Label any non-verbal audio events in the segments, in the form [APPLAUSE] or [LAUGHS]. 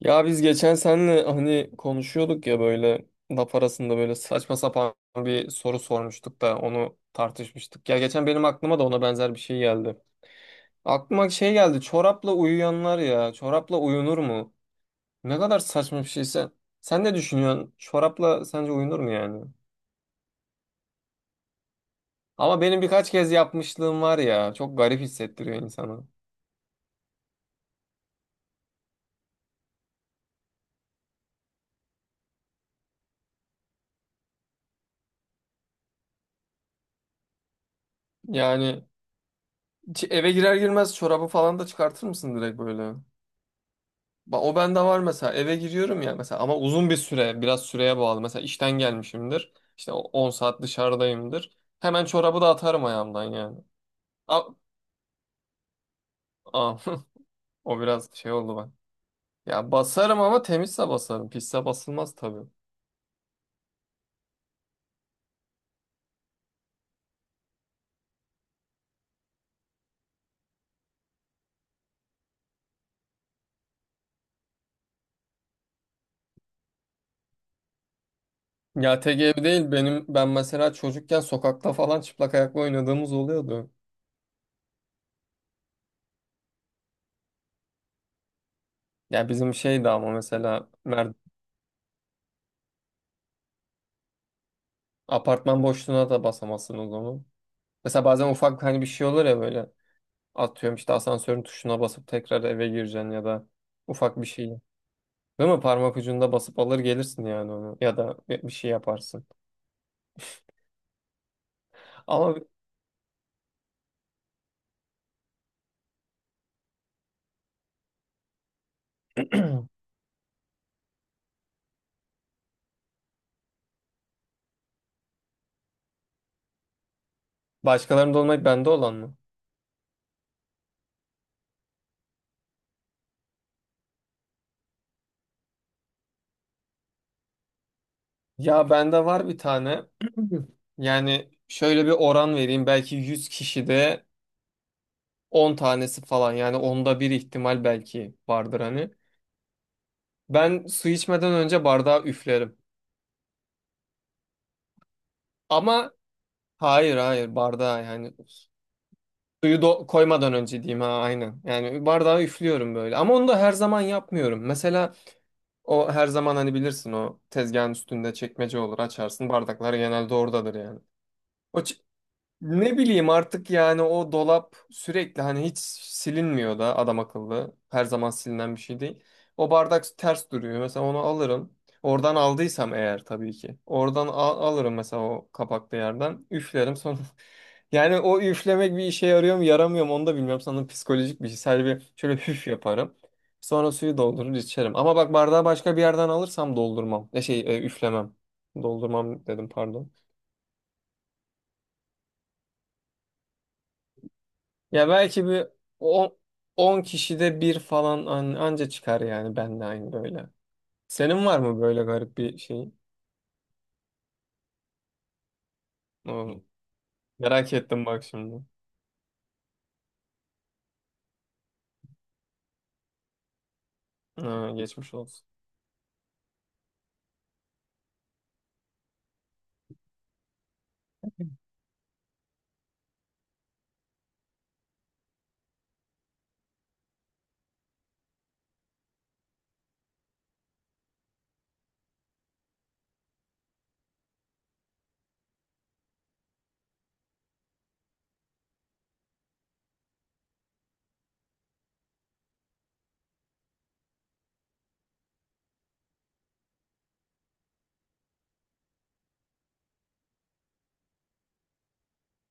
Ya biz geçen senle hani konuşuyorduk ya böyle laf arasında böyle saçma sapan bir soru sormuştuk da onu tartışmıştık. Ya geçen benim aklıma da ona benzer bir şey geldi. Aklıma şey geldi, çorapla uyuyanlar, ya çorapla uyunur mu? Ne kadar saçma bir şeyse. Sen ne düşünüyorsun? Çorapla sence uyunur mu yani? Ama benim birkaç kez yapmışlığım var ya, çok garip hissettiriyor insanı. Yani eve girer girmez çorabı falan da çıkartır mısın direkt böyle? O bende var mesela, eve giriyorum ya mesela, ama uzun bir süre, biraz süreye bağlı, mesela işten gelmişimdir, işte 10 saat dışarıdayımdır, hemen çorabı da atarım ayağımdan yani. A- a- [LAUGHS] o biraz şey oldu ben. Ya basarım ama, temizse basarım, pisse basılmaz tabii. Ya tek ev değil benim, ben mesela çocukken sokakta falan çıplak ayakla oynadığımız oluyordu. Ya bizim şeydi ama, mesela apartman boşluğuna da basamazsın o zaman, mesela bazen ufak hani bir şey olur ya böyle. Atıyorum, işte asansörün tuşuna basıp tekrar eve gireceksin ya da ufak bir şeyi. Değil mi? Parmak ucunda basıp alır gelirsin yani onu. Ya da bir şey yaparsın. Ama [CLEARS THROAT] başkalarında olmayıp bende olan mı? Ya bende var bir tane. [CLEARS THROAT] Yani şöyle bir oran vereyim. Belki 100 kişide 10 tanesi falan. Yani onda bir ihtimal belki vardır hani. Ben su içmeden önce bardağı üflerim. Ama hayır hayır, bardağı yani. Suyu koymadan önce diyeyim, ha, aynen. Yani bardağı üflüyorum böyle. Ama onu da her zaman yapmıyorum. Mesela o her zaman, hani bilirsin, o tezgahın üstünde çekmece olur, açarsın. Bardaklar genelde oradadır yani. O ç- ne bileyim artık, yani o dolap sürekli, hani hiç silinmiyor da adam akıllı. Her zaman silinen bir şey değil. O bardak ters duruyor. Mesela onu alırım. Oradan aldıysam eğer, tabii ki. Oradan alırım mesela, o kapaklı yerden. Üflerim. Sonra, yani o üflemek bir işe yarıyor mu yaramıyor mu onu da bilmiyorum. Sanırım psikolojik bir şey. Sadece bir şöyle hüf yaparım. Sonra suyu doldurur içerim. Ama bak, bardağı başka bir yerden alırsam doldurmam. Üflemem. Doldurmam dedim, pardon. Ya belki bir 10 kişide bir falan anca çıkar, yani ben de aynı böyle. Senin var mı böyle garip bir şey? Oo, merak ettim bak şimdi. Ha, geçmiş olsun.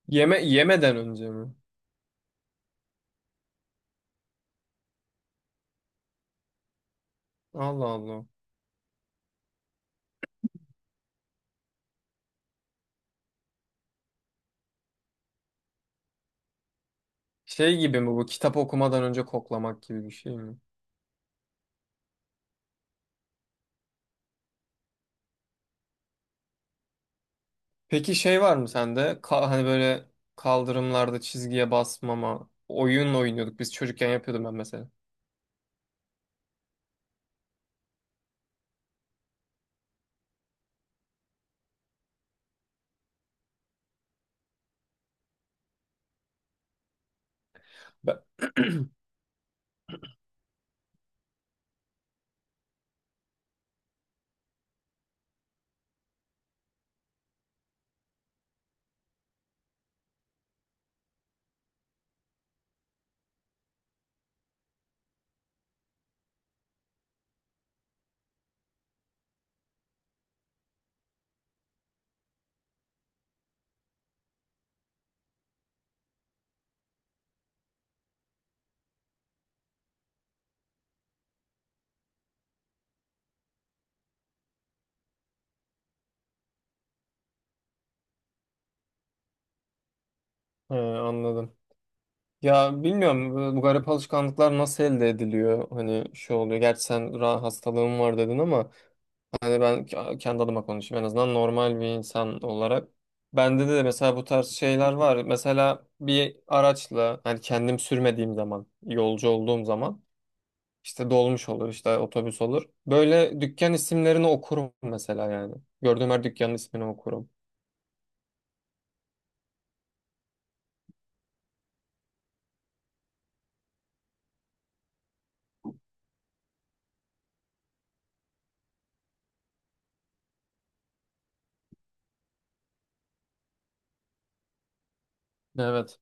Yeme yemeden önce mi? Allah Allah. Şey gibi mi bu, kitap okumadan önce koklamak gibi bir şey mi? Peki şey var mı sende? Hani böyle kaldırımlarda çizgiye basmama oyun oynuyorduk. Biz çocukken yapıyordum ben mesela. Ben... He, anladım. Ya bilmiyorum, bu garip alışkanlıklar nasıl elde ediliyor? Hani şu oluyor. Gerçi sen hastalığın var dedin ama, hani ben kendi adıma konuşayım. En azından normal bir insan olarak. Bende de mesela bu tarz şeyler var. Mesela bir araçla, hani kendim sürmediğim zaman, yolcu olduğum zaman, İşte dolmuş olur, işte otobüs olur, böyle dükkan isimlerini okurum mesela yani. Gördüğüm her dükkanın ismini okurum. Evet.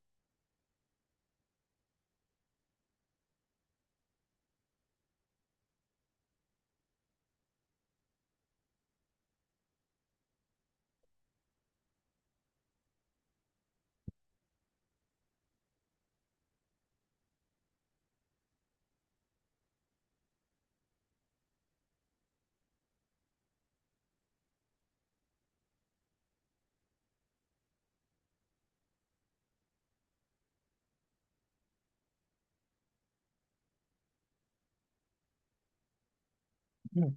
Hı.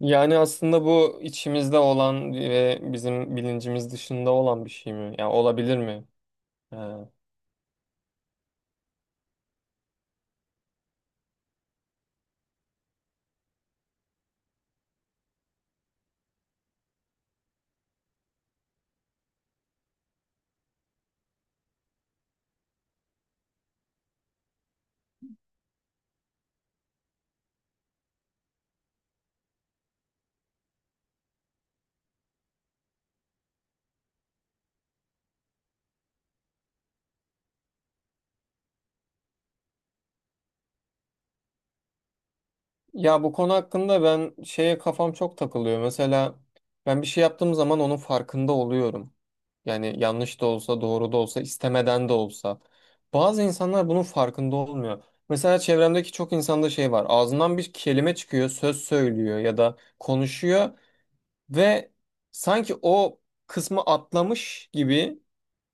Yani aslında bu içimizde olan ve bizim bilincimiz dışında olan bir şey mi? Ya olabilir mi? Ee, Ya bu konu hakkında ben şeye kafam çok takılıyor. Mesela ben bir şey yaptığım zaman onun farkında oluyorum. Yani yanlış da olsa, doğru da olsa, istemeden de olsa. Bazı insanlar bunun farkında olmuyor. Mesela çevremdeki çok insanda şey var. Ağzından bir kelime çıkıyor, söz söylüyor ya da konuşuyor, ve sanki o kısmı atlamış gibi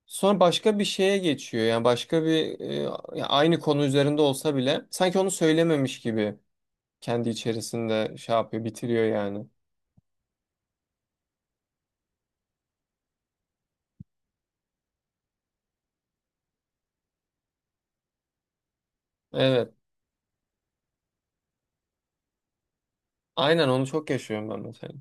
sonra başka bir şeye geçiyor. Yani başka bir ya aynı konu üzerinde olsa bile, sanki onu söylememiş gibi kendi içerisinde şey yapıyor, bitiriyor yani. Evet. Aynen, onu çok yaşıyorum ben mesela.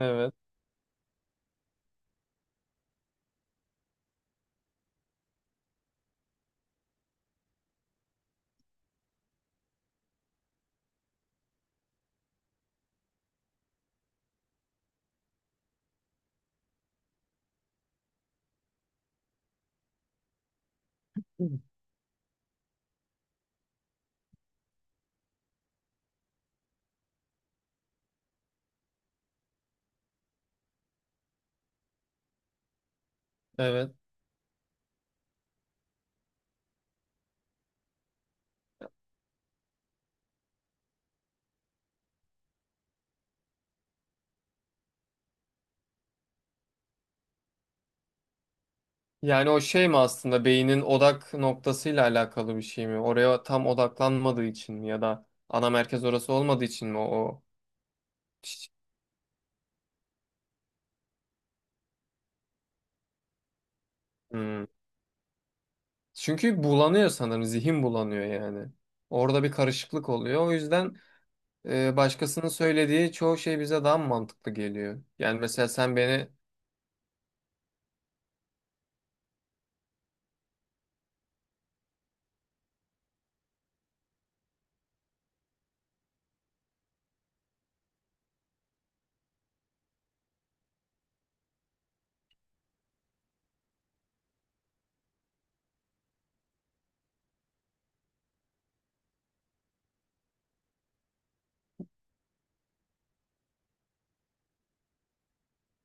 Evet. Hı. Evet. Yani o şey mi, aslında beynin odak noktasıyla alakalı bir şey mi? Oraya tam odaklanmadığı için mi, ya da ana merkez orası olmadığı için mi o? Hmm. Çünkü bulanıyor sanırım, zihin bulanıyor yani. Orada bir karışıklık oluyor. O yüzden başkasının söylediği çoğu şey bize daha mı mantıklı geliyor. Yani mesela sen beni,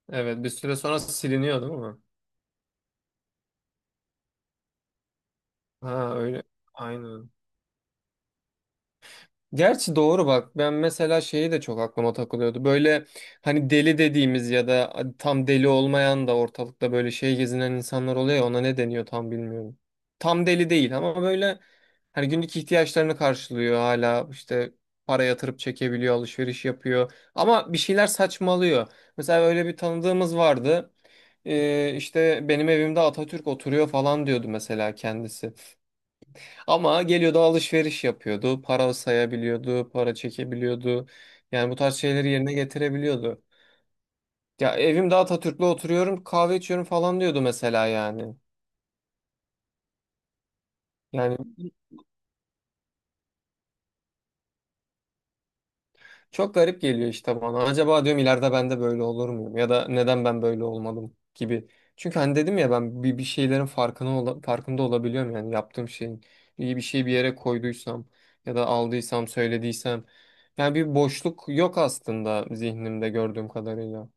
evet bir süre sonra siliniyor değil mi? Ha öyle. Aynen. Gerçi doğru bak. Ben mesela şeyi de çok aklıma takılıyordu. Böyle, hani deli dediğimiz ya da tam deli olmayan da, ortalıkta böyle şey gezinen insanlar oluyor ya, ona ne deniyor tam bilmiyorum. Tam deli değil ama böyle, hani günlük ihtiyaçlarını karşılıyor, hala işte para yatırıp çekebiliyor, alışveriş yapıyor, ama bir şeyler saçmalıyor. Mesela öyle bir tanıdığımız vardı. İşte benim evimde Atatürk oturuyor falan diyordu mesela kendisi. Ama geliyordu, alışveriş yapıyordu. Para sayabiliyordu, para çekebiliyordu. Yani bu tarz şeyleri yerine getirebiliyordu. Ya evimde Atatürk'le oturuyorum, kahve içiyorum falan diyordu mesela yani. Yani çok garip geliyor işte bana. Acaba diyorum, ileride ben de böyle olur muyum? Ya da neden ben böyle olmadım gibi. Çünkü hani dedim ya, ben bir şeylerin farkına farkında olabiliyorum, yani yaptığım şeyin. İyi bir şey bir yere koyduysam ya da aldıysam, söylediysem. Yani bir boşluk yok aslında zihnimde, gördüğüm kadarıyla.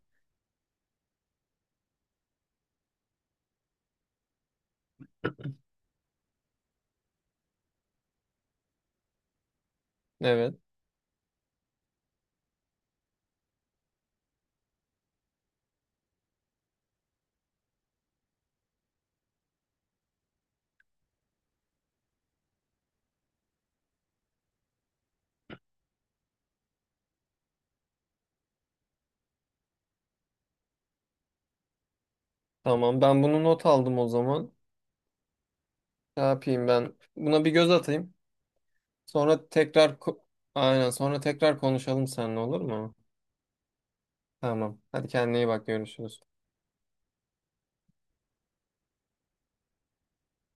Evet. Tamam. Ben bunu not aldım o zaman. Ne yapayım ben? Buna bir göz atayım. Sonra tekrar aynen, sonra tekrar konuşalım seninle, olur mu? Tamam. Hadi kendine iyi bak, görüşürüz.